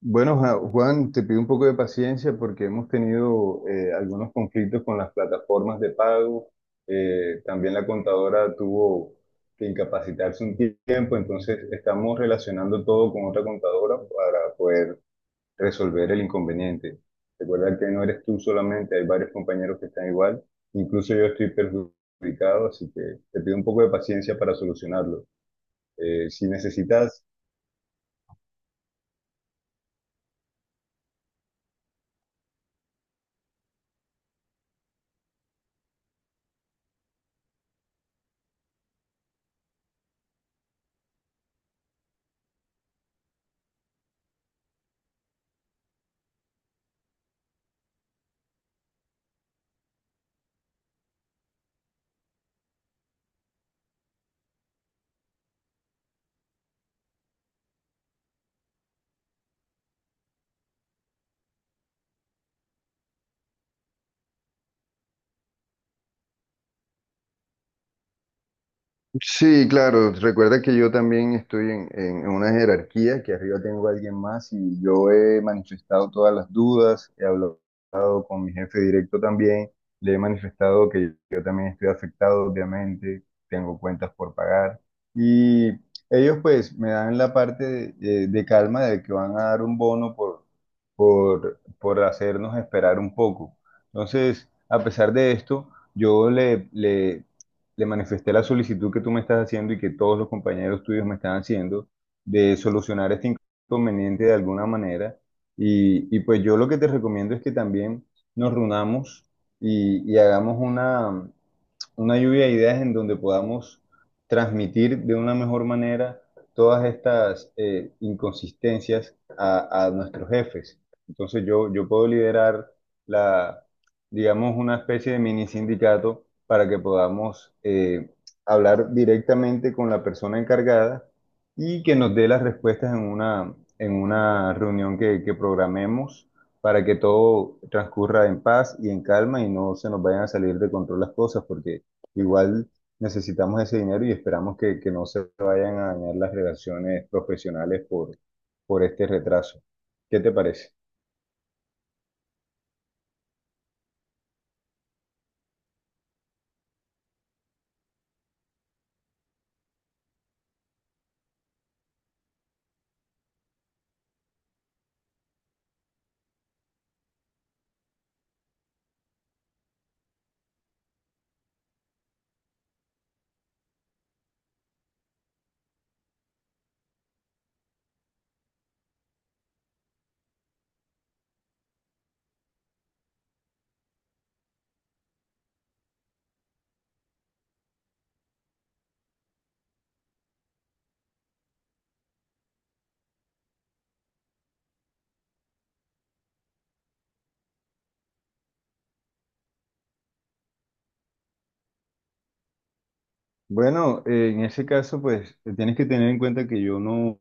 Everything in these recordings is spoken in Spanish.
Bueno, Juan, te pido un poco de paciencia porque hemos tenido algunos conflictos con las plataformas de pago. También la contadora tuvo que incapacitarse un tiempo, entonces estamos relacionando todo con otra contadora para poder resolver el inconveniente. Recuerda que no eres tú solamente, hay varios compañeros que están igual. Incluso yo estoy perjudicado, así que te pido un poco de paciencia para solucionarlo. Si necesitas. Sí, claro. Recuerda que yo también estoy en una jerarquía, que arriba tengo a alguien más, y yo he manifestado todas las dudas, he hablado con mi jefe directo también, le he manifestado que yo también estoy afectado, obviamente, tengo cuentas por pagar, y ellos pues me dan la parte de calma, de que van a dar un bono por hacernos esperar un poco. Entonces, a pesar de esto, yo le manifesté la solicitud que tú me estás haciendo y que todos los compañeros tuyos me están haciendo, de solucionar este inconveniente de alguna manera. Y pues yo lo que te recomiendo es que también nos reunamos y hagamos una lluvia de ideas en donde podamos transmitir de una mejor manera todas estas inconsistencias a nuestros jefes. Entonces yo puedo liderar la, digamos, una especie de mini sindicato para que podamos hablar directamente con la persona encargada y que nos dé las respuestas en en una reunión que programemos para que todo transcurra en paz y en calma y no se nos vayan a salir de control las cosas, porque igual necesitamos ese dinero y esperamos que no se vayan a dañar las relaciones profesionales por este retraso. ¿Qué te parece? Bueno, en ese caso, pues tienes que tener en cuenta que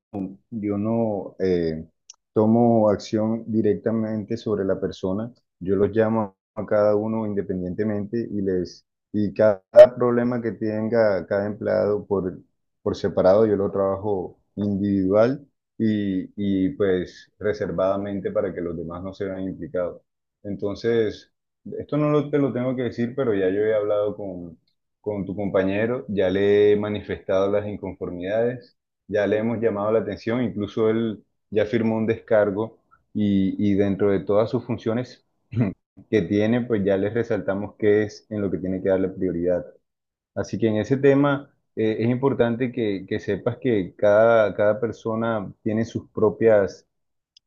yo no tomo acción directamente sobre la persona. Yo los llamo a cada uno independientemente y les y cada problema que tenga cada empleado por separado, yo lo trabajo individual y pues reservadamente, para que los demás no se vean implicados. Entonces, esto no lo, te lo tengo que decir, pero ya yo he hablado con tu compañero, ya le he manifestado las inconformidades, ya le hemos llamado la atención, incluso él ya firmó un descargo y dentro de todas sus funciones que tiene, pues ya les resaltamos qué es en lo que tiene que darle prioridad. Así que en ese tema, es importante que sepas que cada persona tiene sus propias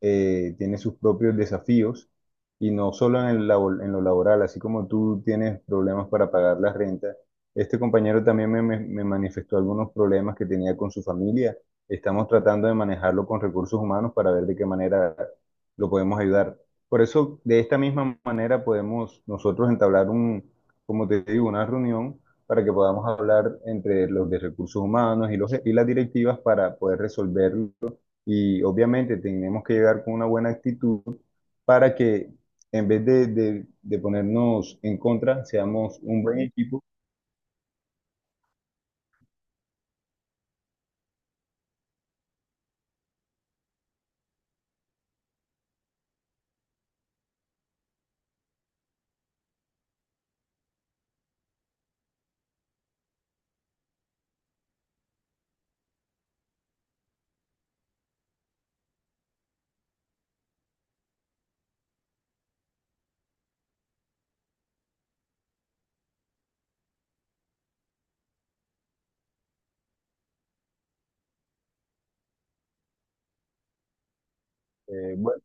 tiene sus propios desafíos, y no solo en el en lo laboral, así como tú tienes problemas para pagar las rentas, este compañero también me manifestó algunos problemas que tenía con su familia. Estamos tratando de manejarlo con recursos humanos para ver de qué manera lo podemos ayudar. Por eso, de esta misma manera podemos nosotros entablar un, como te digo, una reunión para que podamos hablar entre los de recursos humanos y y las directivas para poder resolver, y obviamente tenemos que llegar con una buena actitud para que en vez de ponernos en contra, seamos un buen equipo. Eh, bueno,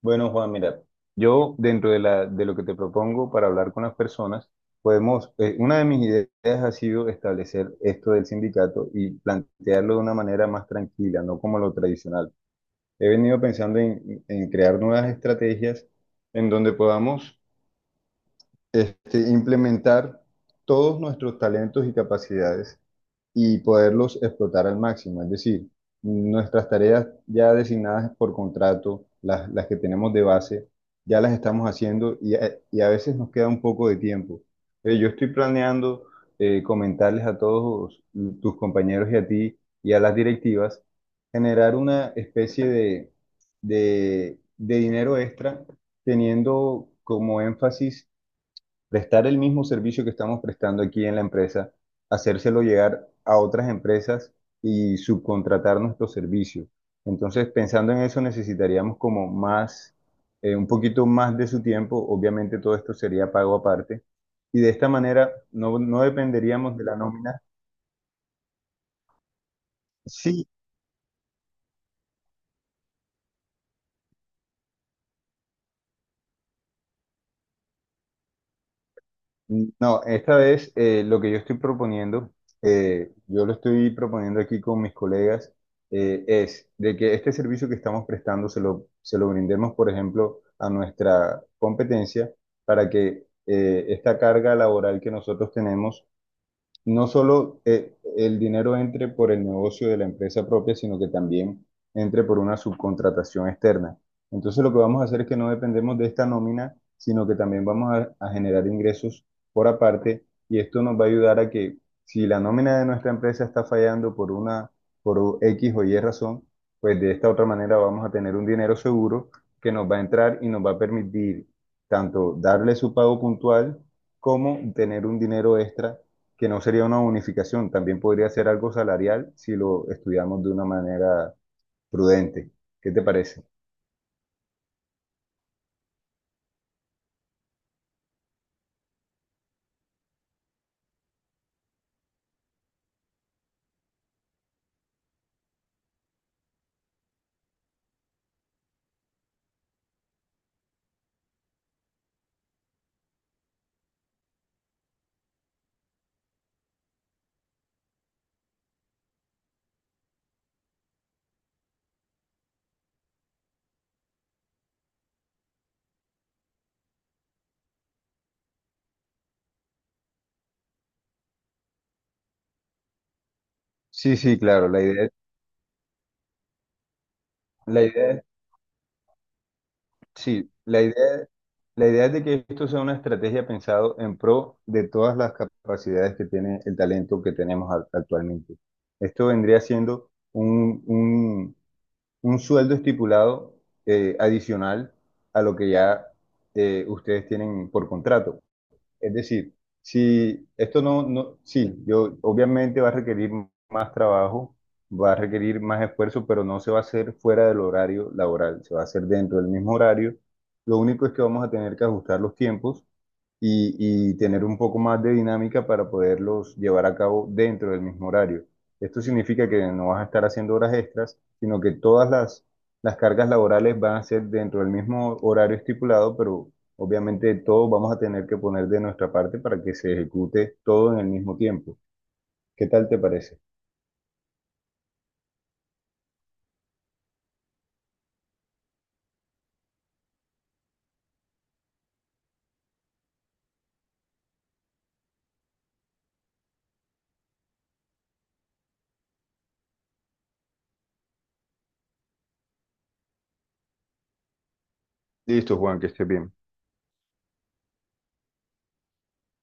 bueno, Juan, mira, yo dentro de la, de lo que te propongo para hablar con las personas, podemos, una de mis ideas ha sido establecer esto del sindicato y plantearlo de una manera más tranquila, no como lo tradicional. He venido pensando en crear nuevas estrategias en donde podamos, este, implementar todos nuestros talentos y capacidades y poderlos explotar al máximo. Es decir, nuestras tareas ya designadas por contrato, las que tenemos de base, ya las estamos haciendo, y y a veces nos queda un poco de tiempo. Yo estoy planeando comentarles a todos tus compañeros y a ti y a las directivas, generar una especie de dinero extra, teniendo como énfasis prestar el mismo servicio que estamos prestando aquí en la empresa, hacérselo llegar a otras empresas y subcontratar nuestro servicio. Entonces, pensando en eso, necesitaríamos como más, un poquito más de su tiempo. Obviamente todo esto sería pago aparte. Y de esta manera no dependeríamos de la nómina. Sí. Mm, no, esta vez, lo que yo estoy proponiendo, yo lo estoy proponiendo aquí con mis colegas, es de que este servicio que estamos prestando se lo brindemos, por ejemplo, a nuestra competencia, para que esta carga laboral que nosotros tenemos, no solo el dinero entre por el negocio de la empresa propia, sino que también entre por una subcontratación externa. Entonces lo que vamos a hacer es que no dependemos de esta nómina, sino que también a generar ingresos por aparte, y esto nos va a ayudar a que si la nómina de nuestra empresa está fallando por X o Y razón, pues de esta otra manera vamos a tener un dinero seguro que nos va a entrar y nos va a permitir tanto darle su pago puntual como tener un dinero extra, que no sería una unificación, también podría ser algo salarial si lo estudiamos de una manera prudente. ¿Qué te parece? Sí, sí, claro, la idea, es- sí, la idea es de que esto sea una estrategia pensado en pro de todas las capacidades que tiene el talento que tenemos actualmente. Esto vendría siendo un sueldo estipulado, adicional a lo que ya, ustedes tienen por contrato. Es decir, si esto no, no, sí, yo obviamente va a requerir más trabajo, va a requerir más esfuerzo, pero no se va a hacer fuera del horario laboral, se va a hacer dentro del mismo horario. Lo único es que vamos a tener que ajustar los tiempos y tener un poco más de dinámica para poderlos llevar a cabo dentro del mismo horario. Esto significa que no vas a estar haciendo horas extras, sino que todas las cargas laborales van a ser dentro del mismo horario estipulado, pero obviamente todos vamos a tener que poner de nuestra parte para que se ejecute todo en el mismo tiempo. ¿Qué tal te parece? Listo, Juan, que estés bien.